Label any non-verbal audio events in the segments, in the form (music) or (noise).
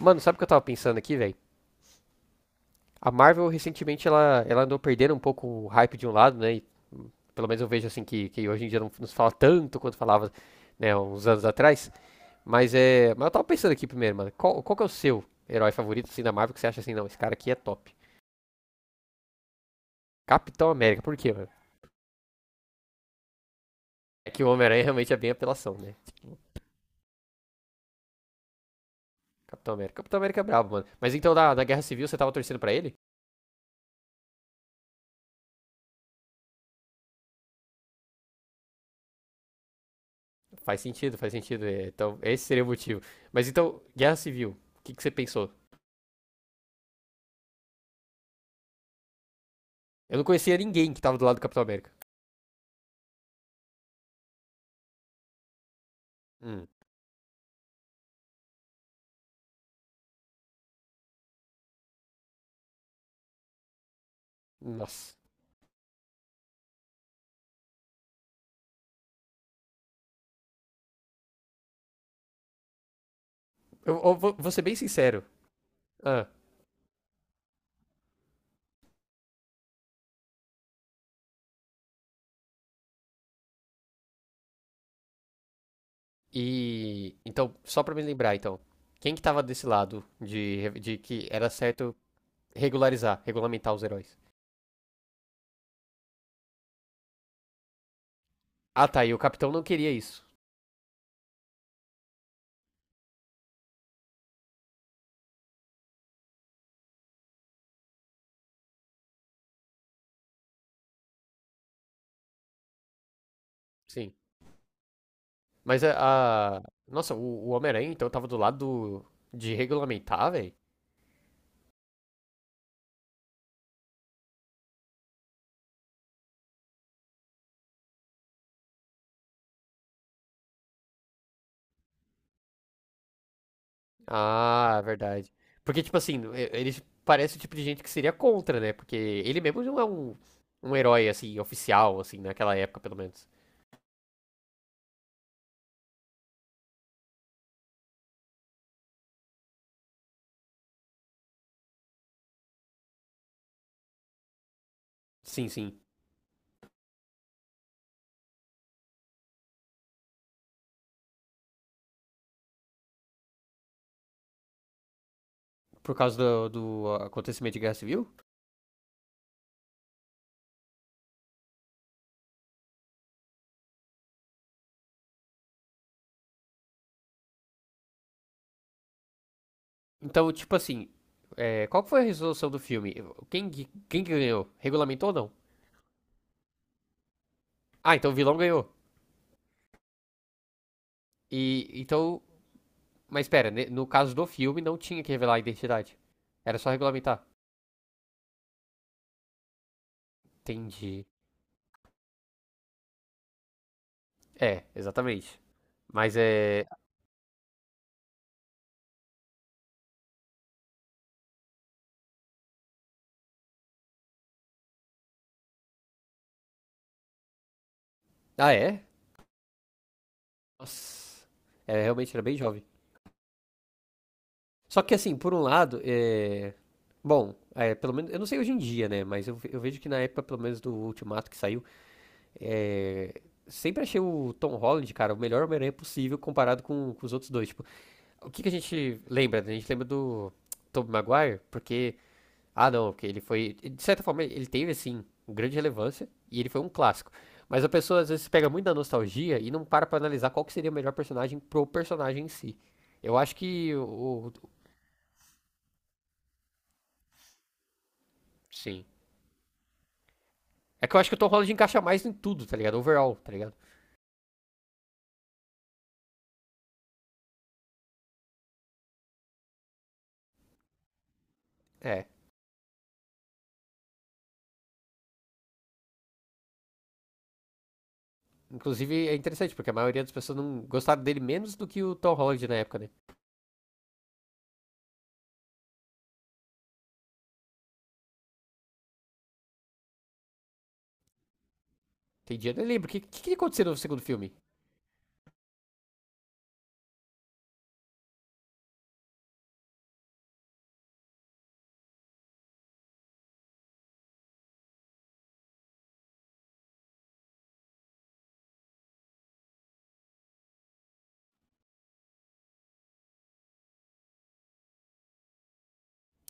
Mano, sabe o que eu tava pensando aqui, velho? A Marvel recentemente ela andou perdendo um pouco o hype de um lado, né? Pelo menos eu vejo assim que hoje em dia não nos fala tanto quanto falava, né, uns anos atrás. Mas é. Mas eu tava pensando aqui primeiro, mano. Qual que é o seu herói favorito assim, da Marvel, que você acha assim, não, esse cara aqui é top? Capitão América, por quê, mano? É que o Homem-Aranha realmente é bem apelação, né? Capitão América. Capitão América é brabo, mano. Mas então na Guerra Civil você tava torcendo pra ele? Faz sentido, faz sentido. Então, esse seria o motivo. Mas então, Guerra Civil, o que que você pensou? Eu não conhecia ninguém que tava do lado do Capitão América. Hum. Nossa. Eu vou ser bem sincero. Ah, Então, só pra me lembrar, então. Quem que tava desse lado de que era certo regularizar, regulamentar os heróis? Ah, tá. E o Capitão não queria isso. Sim. Nossa, o Homem-Aranha, então, tava do lado do- de regulamentar, velho? Ah, verdade. Porque, tipo assim, ele parece o tipo de gente que seria contra, né? Porque ele mesmo não é um, um herói, assim, oficial, assim, naquela época, pelo menos. Sim, sim. Por causa do acontecimento de Guerra Civil. Então, tipo assim, é, qual que foi a resolução do filme? Quem, quem que ganhou? Regulamentou ou não? Ah, então o vilão ganhou. E, então, mas pera, no caso do filme não tinha que revelar a identidade. Era só regulamentar. Entendi. É, exatamente. Mas é. Ah, é? Nossa. É, realmente era bem jovem. Só que assim, por um lado, é... Bom, é, pelo menos, eu não sei hoje em dia, né? Mas eu, eu vejo que na época, pelo menos do Ultimato que saiu, é, sempre achei o Tom Holland, cara, o melhor Homem-Aranha possível comparado com os outros dois. Tipo, o que que a gente lembra? Né? A gente lembra do Tobey Maguire, porque... Ah, não, porque ele foi. De certa forma, ele teve, assim, um grande relevância e ele foi um clássico. Mas a pessoa às vezes pega muito da nostalgia e não para pra analisar qual que seria o melhor personagem pro personagem em si. Eu acho que Sim. É que eu acho que o Tom Holland encaixa mais em tudo, tá ligado? Overall, tá ligado? É. Inclusive é interessante, porque a maioria das pessoas não gostaram dele menos do que o Tom Holland na época, né? Tem dia, eu nem lembro. O que que aconteceu no segundo filme?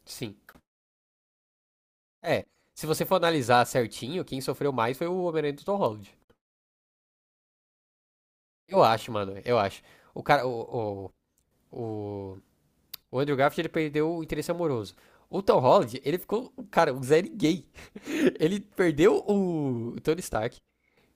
Sim. É. Se você for analisar certinho, quem sofreu mais foi o Homem-Aranha do Tom Holland. Eu acho, mano, eu acho. O cara, o, o, o Andrew Garfield, ele perdeu o interesse amoroso. O Tom Holland, ele ficou, cara, o zé gay. (laughs) Ele perdeu o Tony Stark,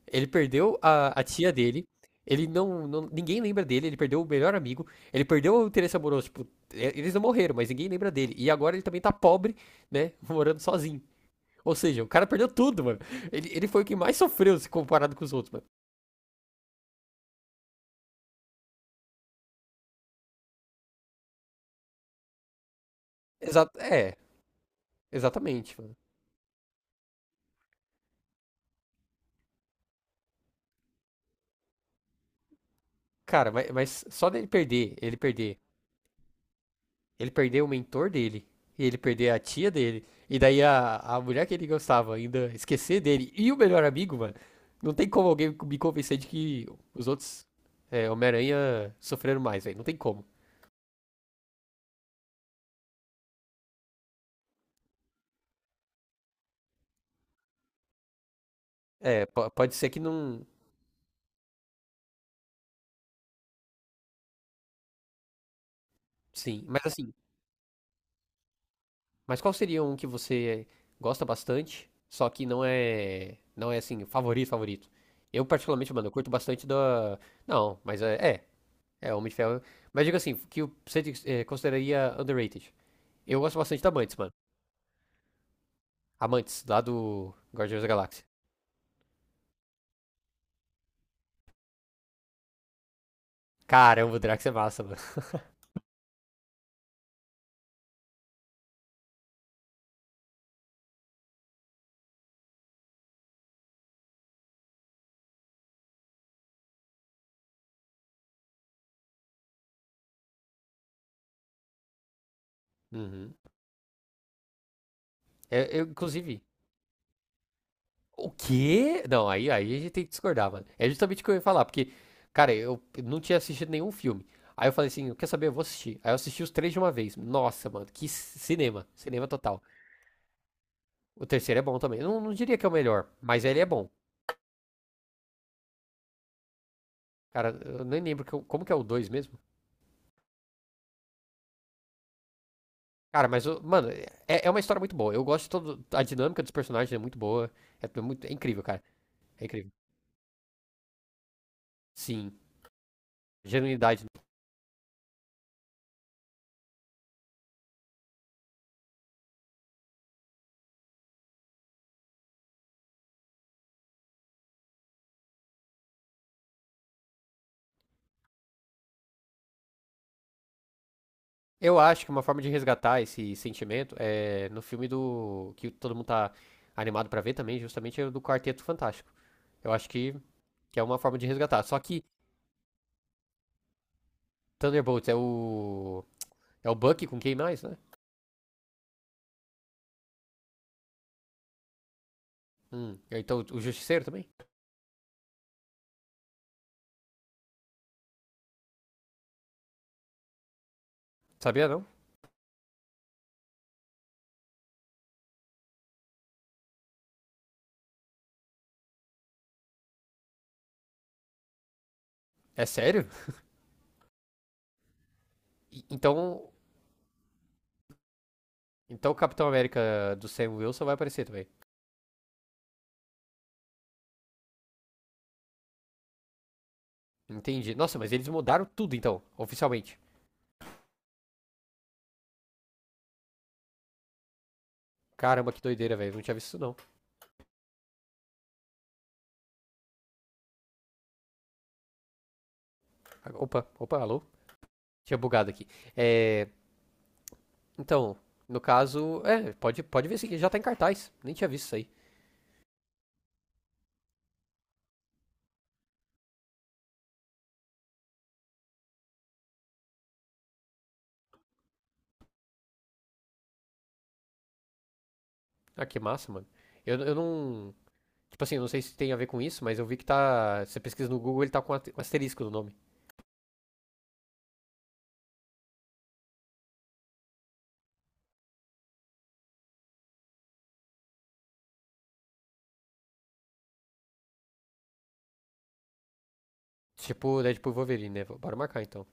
ele perdeu a tia dele, ele ninguém lembra dele, ele perdeu o melhor amigo, ele perdeu o interesse amoroso, tipo, eles não morreram, mas ninguém lembra dele. E agora ele também tá pobre, né, (laughs) morando sozinho. Ou seja, o cara perdeu tudo, mano. Ele foi o que mais sofreu se comparado com os outros, mano. Exa é, exatamente, mano. Cara, mas só dele perder, ele perder o mentor dele, e ele perder a tia dele, e daí a mulher que ele gostava ainda esquecer dele e o melhor amigo, mano. Não tem como alguém me convencer de que os outros Homem-Aranha sofreram mais, velho. Não tem como. É, pode ser que não. Sim, mas assim, mas qual seria um que você gosta bastante, só que não é. Não é assim, favorito, favorito? Eu, particularmente, mano, eu curto bastante da. Não, é, Homem de Ferro. Mas digo assim, que você consideraria underrated. Eu gosto bastante da Mantis, mano. Amantes, lá do Guardiões da Galáxia. Caramba, o Drax é massa, mano. Uhum. Inclusive. O quê? Não, aí a gente tem que discordar, mano. É justamente o que eu ia falar, porque, cara, eu não tinha assistido nenhum filme. Aí eu falei assim, quer saber? Eu vou assistir. Aí eu assisti os três de uma vez. Nossa, mano, que cinema. Cinema total. O terceiro é bom também. Eu não diria que é o melhor, mas ele é bom. Cara, eu nem lembro que como que é o dois mesmo. Cara, mano, é uma história muito boa. Eu gosto de todo. A dinâmica dos personagens é muito boa. É, muito, é incrível, cara. É incrível. Sim, genuinidade. Eu acho que uma forma de resgatar esse sentimento é no filme do. Que todo mundo tá animado pra ver também, justamente é o do Quarteto Fantástico. Eu acho que é uma forma de resgatar. Só que Thunderbolts é o. É o Bucky com quem mais, né? É, então o Justiceiro também? Sabia não? É sério? Então. Então o Capitão América do Sam Wilson vai aparecer também. Entendi. Nossa, mas eles mudaram tudo então, oficialmente. Caramba, que doideira, velho. Não tinha visto isso não. Opa, opa, alô? Tinha bugado aqui. É. Então, no caso. É, pode, pode ver sim, já tá em cartaz. Nem tinha visto isso aí. Ah, que massa, mano. Eu não. Tipo assim, não sei se tem a ver com isso, mas eu vi que tá. Você pesquisa no Google, ele tá com asterisco no nome. Tipo, Deadpool e Wolverine, né? Bora marcar então.